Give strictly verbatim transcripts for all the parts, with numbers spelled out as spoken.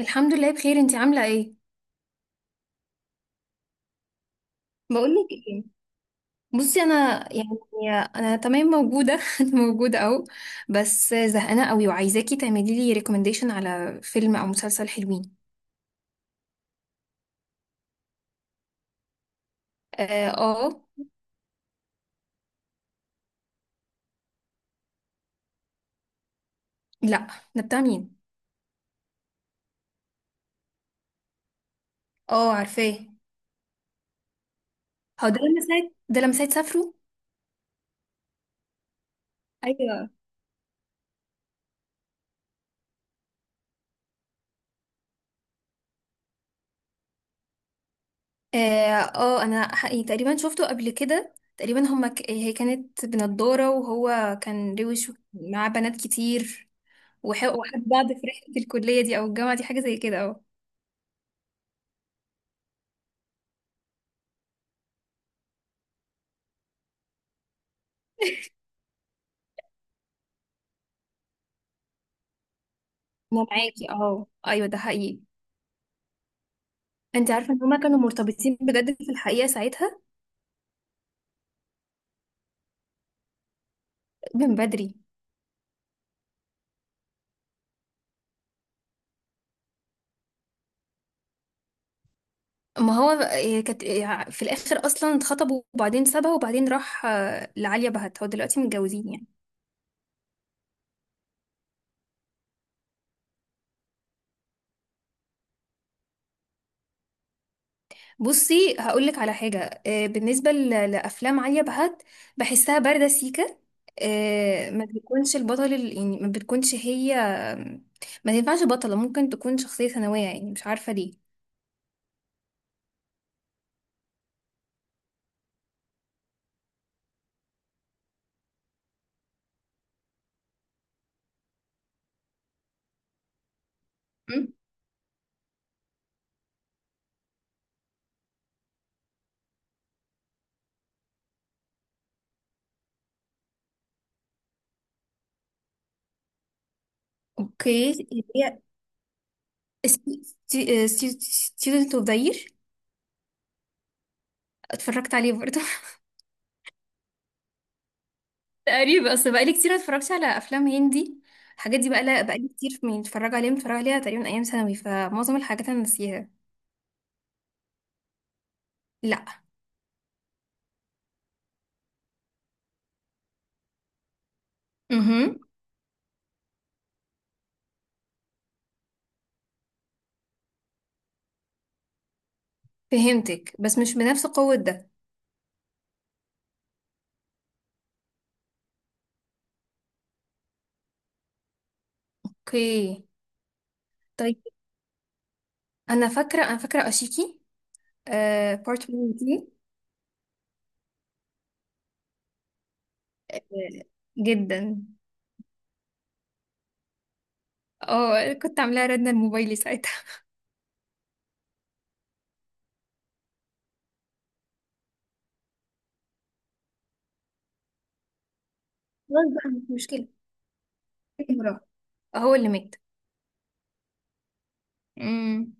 الحمد لله بخير، انتي عاملة ايه؟ بقولك ايه. بصي انا يعني انا تمام موجودة. انا موجودة اهو. بس زهقانة قوي وعايزاكي تعملي لي ريكومنديشن على فيلم او مسلسل حلوين. اه، آه. لا، ده بتاع مين؟ اه عارفاه. هو ده لما ساعة ده لما ساعة سافروا؟ ايوه. اه، آه. انا حقيقي تقريبا شفته قبل كده، تقريبا هما ك... هي كانت بنضارة وهو كان روش معاه بنات كتير، وح- وحب بعض في رحلة الكلية دي او الجامعة دي، حاجة زي كده. اه، انا معاكي. اه ايوه، ده حقيقي. انت عارفه ان هما كانوا مرتبطين بجد في الحقيقه ساعتها؟ من بدري. ما هو آه، كانت آه، في الاخر اصلا اتخطبوا وبعدين سابها وبعدين راح آه، لعليا بهت. هو دلوقتي متجوزين يعني. بصي هقول لك على حاجه. آه، بالنسبه ل- لافلام عليا بهت، بحسها بارده سيكه. آه، ما بتكونش البطل، ال- يعني ما بتكونش هي. ما تنفعش بطله، ممكن تكون شخصيه ثانويه، يعني مش عارفه ليه. مم. اوكي. ستودنت اوف ذا يير. اتفرجت عليه برضه. تقريبا. اصل بقالي كتير ما اتفرجتش على افلام هندي. الحاجات دي بقى لا، بقالي كتير من اتفرج عليها متفرج عليها، تقريبا ايام ثانوي، فمعظم الحاجات انا ناسيها. لا. امم. فهمتك بس مش بنفس قوة ده. اوكي. طيب. انا فاكرة انا فاكرة اشيكي. آه بارت واحد دي. آه، جدا. اه، كنت عاملاها ردنا الموبايلي ساعتها. خلاص بقى، مش مشكلة. هو اللي مات. امم.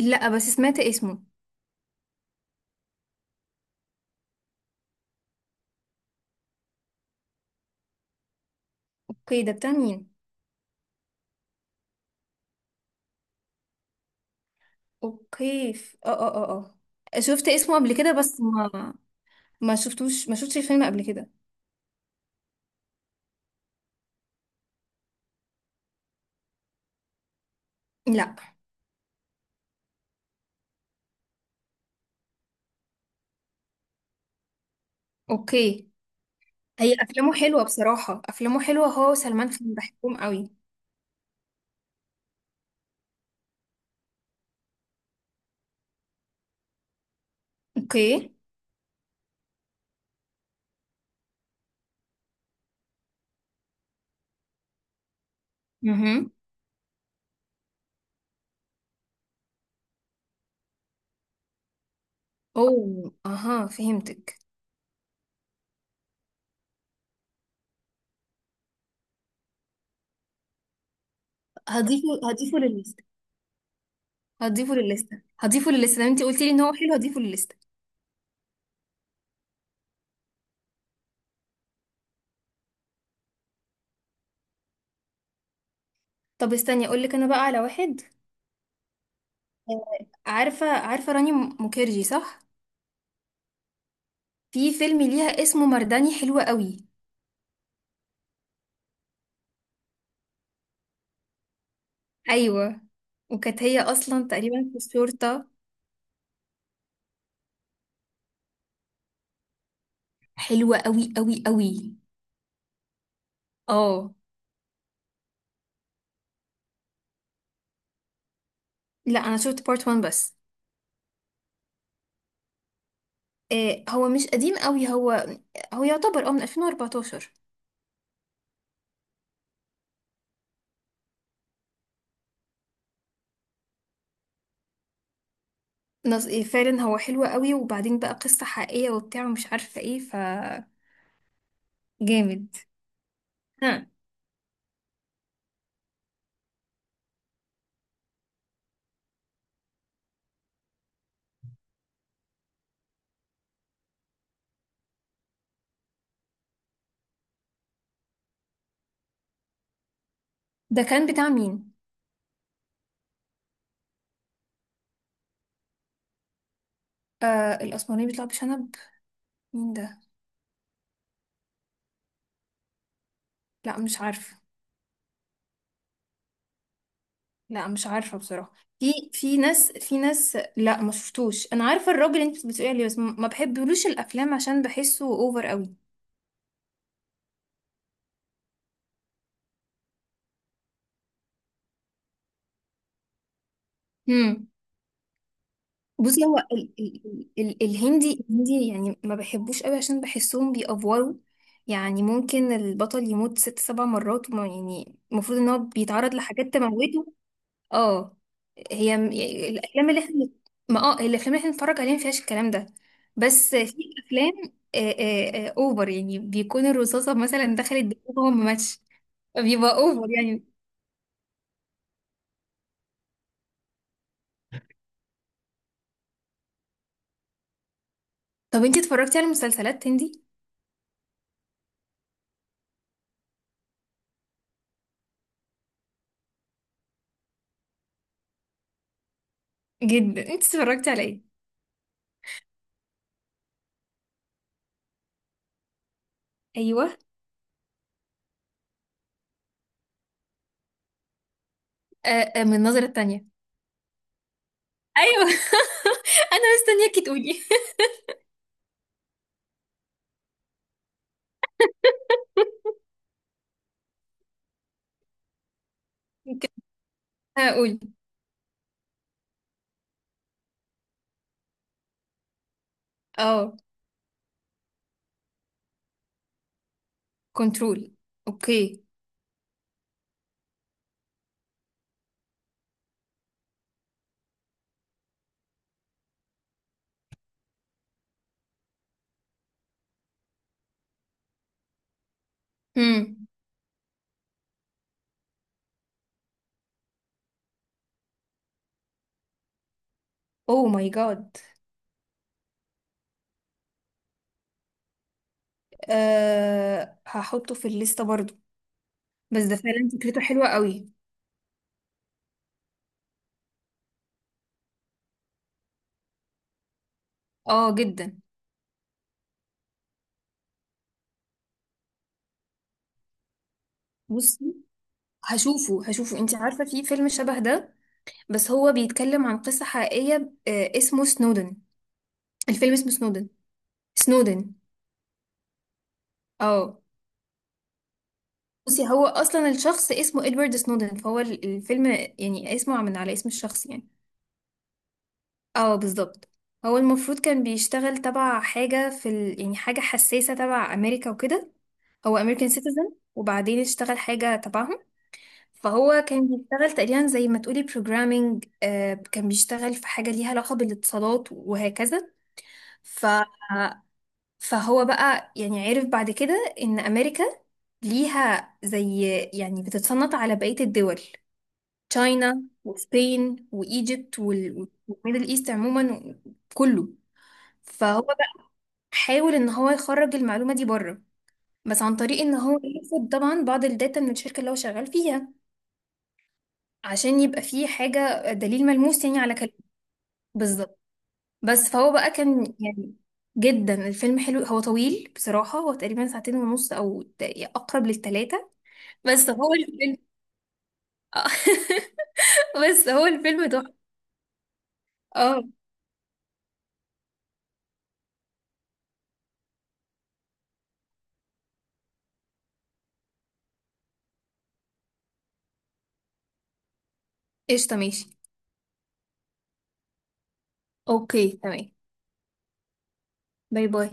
لا، بس سمعت اسمه. اوكي، ده بتاع مين؟ اوكي. ف... اه اه اه. اه، شفت اسمه قبل كده، بس ما ما شفتوش، ما شفتش الفيلم قبل كده. لا. اوكي. هي افلامه حلوه بصراحه، افلامه حلوه، هو سلمان خان بحبهم قوي. اوكي. امم. اوه اها، فهمتك. هضيفه هضيفه للليسته هضيفه للليسته هضيفه للليسته لما انت قلتي لي ان هو حلو، هضيفه للليسته. طب، استني اقول لك انا بقى على واحد. آه، عارفه عارفه راني م- مukherjee صح؟ في فيلم ليها اسمه مرداني، حلو قوي. ايوه، وكانت هي اصلا تقريبا في الشرطه. حلوه قوي قوي قوي. اه. لا، انا شفت بارت واحد بس. إيه، هو مش قديم قوي. هو هو يعتبر اه من ألفين وأربعتاشر. نص إيه، فعلا هو حلو قوي، وبعدين بقى قصه حقيقيه وبتاع، ومش عارفه ايه. ف جامد. ها. ده كان بتاع مين؟ آه الاسمراني بيطلع بشنب؟ مين ده؟ لا، مش عارفه. لا، مش عارفة بصراحة. في في ناس في ناس لا، ما شفتوش. انا عارفة الراجل اللي انت بتقولي عليه، بس ما بحبلوش الافلام عشان بحسه اوفر قوي. امم. بصي، هو ال ال ال الهندي الهندي يعني ما بحبوش قوي عشان بحسهم بيأفوروا. يعني ممكن البطل يموت ست سبع مرات، وما يعني المفروض ان هو بيتعرض لحاجات تموته. اه. هي م- يعني الافلام اللي احنا ما اه الافلام اللي احنا بنتفرج عليها ما فيهاش الكلام ده. بس في افلام آه، آه، آه، اوفر، يعني بيكون الرصاصه مثلا دخلت دماغه وهو ما ماتش. بيبقى اوفر يعني. طب انتي اتفرجتي على مسلسلات هندي؟ جدا. انتي اتفرجتي على ايه؟ ايوه. آه، آه، من النظره التانية. ايوه. انا مستنياكي تقولي. كنت هقول. اه، كنترول. اوكي. امم. اوه ماي جاد. أه هحطه في الليسته برضو. بس ده فعلا فكرته حلوة قوي. اه جدا. بصي، هشوفه هشوفه انت عارفة، في فيلم شبه ده، بس هو بيتكلم عن قصة حقيقية. آه، اسمه سنودن. الفيلم اسمه سنودن. سنودن. اه. بصي، هو اصلا الشخص اسمه ادوارد سنودن، فهو ال- الفيلم يعني اسمه من على اسم الشخص يعني. اه، بالظبط. هو المفروض كان بيشتغل تبع حاجة في ال... يعني حاجة حساسة تبع امريكا وكده. هو امريكان سيتيزن وبعدين اشتغل حاجة تبعهم. فهو كان بيشتغل تقريبا زي ما تقولي بروجرامينج. كان بيشتغل في حاجة ليها علاقة بالاتصالات وهكذا. ف فهو بقى يعني عرف بعد كده ان امريكا ليها زي، يعني بتتصنط على بقية الدول. تشاينا وسبين وايجيبت وال- والميدل ايست عموما، كله. فهو بقى حاول ان هو يخرج المعلومة دي بره، بس عن طريق ان هو ياخد طبعا بعض الداتا من الشركة اللي هو شغال فيها، عشان يبقى فيه حاجة، دليل ملموس يعني على كلامه. بالظبط. بس فهو بقى كان يعني. جدا الفيلم حلو، هو طويل بصراحة، هو تقريبا ساعتين ونص أو ت- أقرب للتلاتة. بس هو الفيلم. بس هو الفيلم تحفة. اه قشطة ماشي. اوكي تمام. باي باي.